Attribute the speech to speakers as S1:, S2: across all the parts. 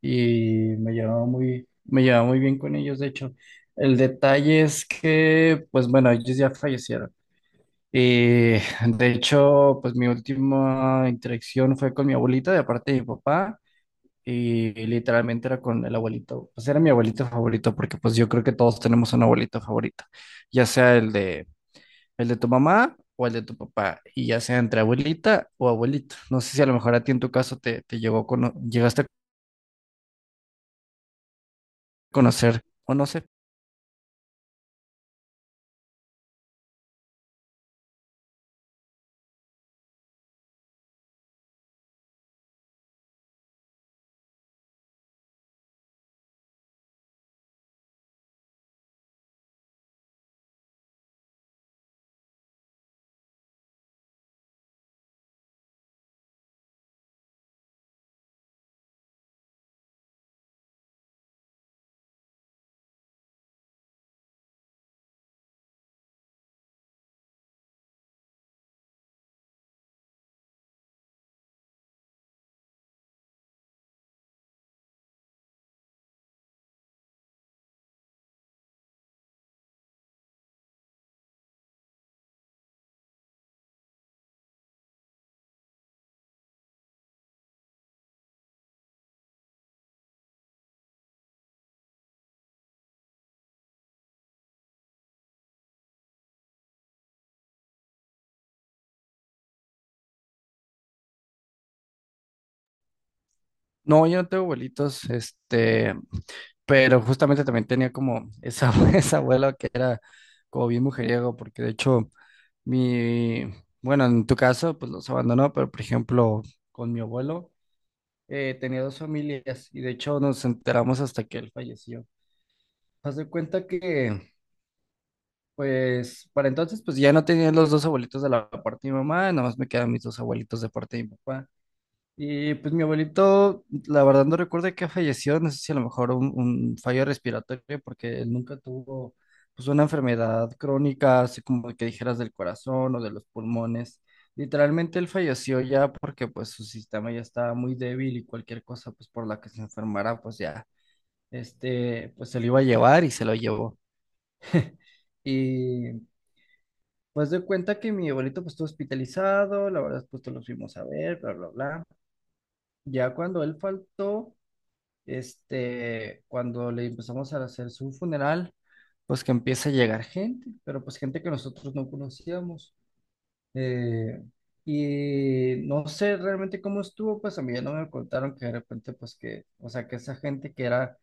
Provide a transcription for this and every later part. S1: Y me llevaba muy bien con ellos, de hecho. El detalle es que, pues bueno, ellos ya fallecieron. Y de hecho, pues mi última interacción fue con mi abuelita de parte de mi papá y literalmente era con el abuelito. Pues era mi abuelito favorito porque pues yo creo que todos tenemos un abuelito favorito, ya sea el de tu mamá o el de tu papá y ya sea entre abuelita o abuelito. No sé si a lo mejor a ti en tu caso te llegó a cono- llegaste a conocer o no sé. No, yo no tengo abuelitos, este, pero justamente también tenía como esa, esa abuela que era como bien mujeriego, porque de hecho, mi, bueno, en tu caso, pues los abandonó, pero por ejemplo, con mi abuelo, tenía dos familias y de hecho nos enteramos hasta que él falleció. Haz de cuenta que, pues, para entonces, pues ya no tenía los dos abuelitos de la parte de mi mamá, nada más me quedan mis dos abuelitos de parte de mi papá. Y pues mi abuelito, la verdad no recuerdo de qué falleció, no sé si a lo mejor un fallo respiratorio, porque él nunca tuvo pues una enfermedad crónica, así como que dijeras del corazón o de los pulmones. Literalmente él falleció ya porque pues su sistema ya estaba muy débil y cualquier cosa pues por la que se enfermara pues ya, este, pues se lo iba a llevar y se lo llevó. Y pues de cuenta que mi abuelito pues estuvo hospitalizado, la verdad pues todos los fuimos a ver, bla, bla, bla. Ya cuando él faltó, este, cuando le empezamos a hacer su funeral, pues que empieza a llegar gente, pero pues gente que nosotros no conocíamos. Eh, y no sé realmente cómo estuvo, pues a mí ya no me contaron que de repente, pues que, o sea, que esa gente que era,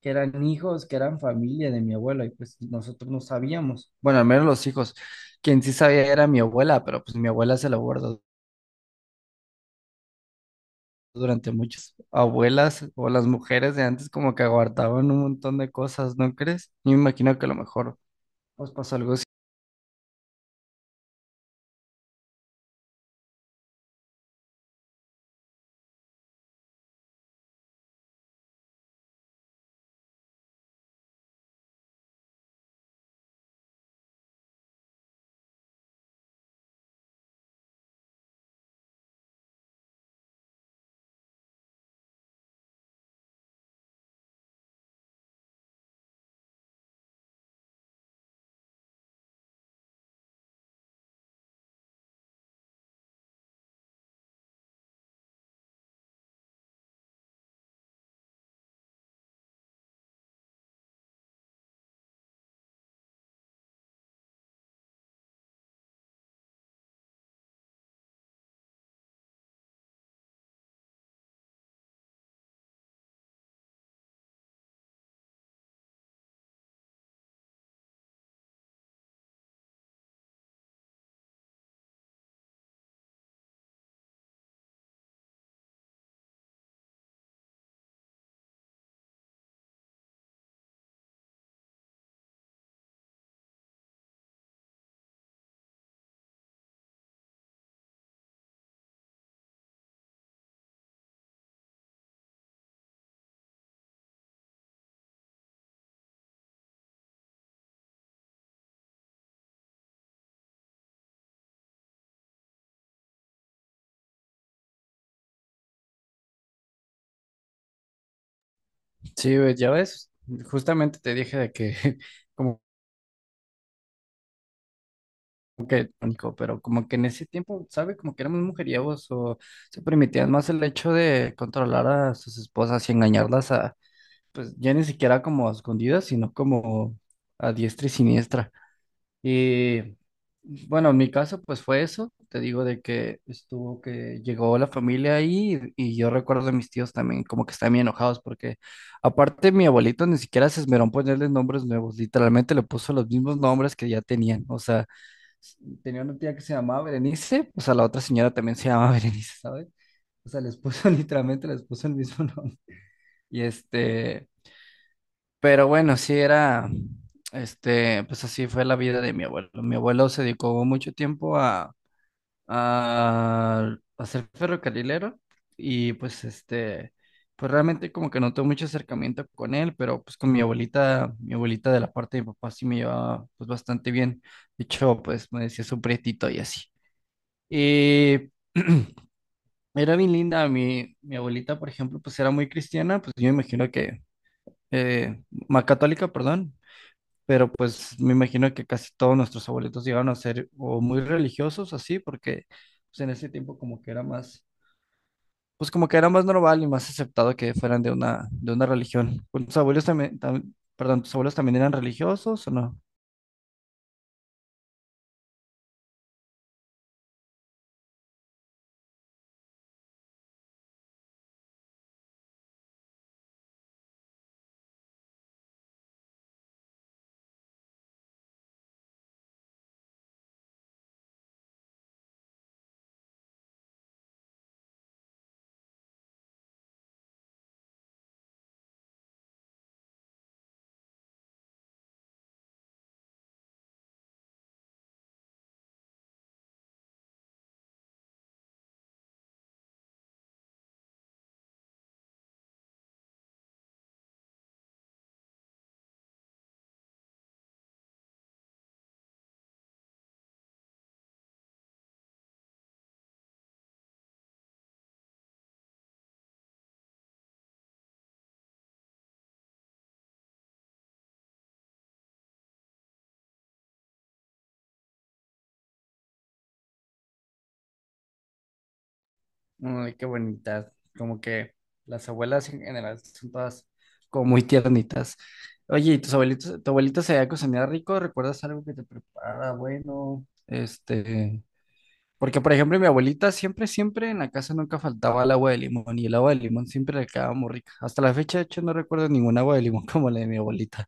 S1: que eran hijos, que eran familia de mi abuela, y pues nosotros no sabíamos. Bueno, al menos los hijos. Quien sí sabía era mi abuela, pero pues mi abuela se lo guardó durante muchos. Abuelas o las mujeres de antes como que aguardaban un montón de cosas, ¿no crees? Yo me imagino que a lo mejor os pasó algo así. Sí, güey, ya ves, justamente te dije de que como que pánico, pero como que en ese tiempo, ¿sabe? Como que éramos mujeriegos o se permitían más el hecho de controlar a sus esposas y engañarlas a, pues ya ni siquiera como a escondidas, sino como a diestra y siniestra. Y bueno, en mi caso, pues fue eso. Te digo de que estuvo que llegó la familia ahí y yo recuerdo a mis tíos también como que estaban bien enojados porque aparte mi abuelito ni siquiera se esmeró en ponerles nombres nuevos, literalmente le puso los mismos nombres que ya tenían. O sea, s- tenía una tía que se llamaba Berenice, o sea, la otra señora también se llamaba Berenice, ¿sabes? O sea, les puso literalmente les puso el mismo nombre. Y este, pero bueno, sí era, este, pues así fue la vida de mi abuelo. Mi abuelo se dedicó mucho tiempo a ser ferrocarrilero y pues este, pues realmente como que no tuve mucho acercamiento con él, pero pues con mi abuelita de la parte de mi papá sí me llevaba pues bastante bien. De hecho, pues me decía su prietito y así. Y era bien linda, mi abuelita, por ejemplo, pues era muy cristiana, pues yo me imagino que, eh, más católica, perdón, pero pues me imagino que casi todos nuestros abuelitos llegaron a ser o muy religiosos así, porque pues en ese tiempo como que era más, pues como que era más normal y más aceptado que fueran de una religión. Pues, ¿tus abuelos también, tam- perdón, tus abuelos también eran religiosos o no? Ay, qué bonita, como que las abuelas en general son todas como muy tiernitas. Oye, ¿y tus abuelitos, tu abuelita se había cocinado rico? ¿Recuerdas algo que te preparara bueno? Este… Porque, por ejemplo, mi abuelita siempre, siempre en la casa nunca faltaba el agua de limón y el agua de limón siempre le quedaba muy rica. Hasta la fecha, de hecho, no recuerdo ningún agua de limón como la de mi abuelita.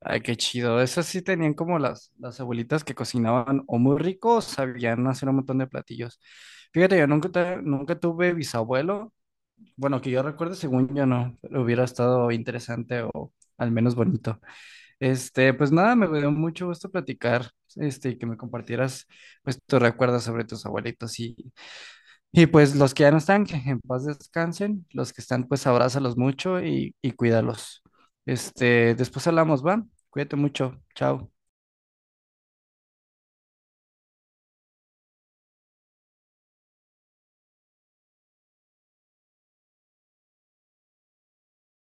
S1: Ay, qué chido. Esas sí tenían como las abuelitas que cocinaban o muy rico o sabían hacer un montón de platillos. Fíjate, yo nunca, te- nunca tuve bisabuelo. Bueno, que yo recuerdo, según yo no, pero hubiera estado interesante o al menos bonito. Este, pues nada, me dio mucho gusto platicar, este, y que me compartieras pues tus recuerdos sobre tus abuelitos y pues los que ya no están, que en paz descansen. Los que están, pues abrázalos mucho y cuídalos. Este, después hablamos, ¿va? Cuídate mucho. Chao.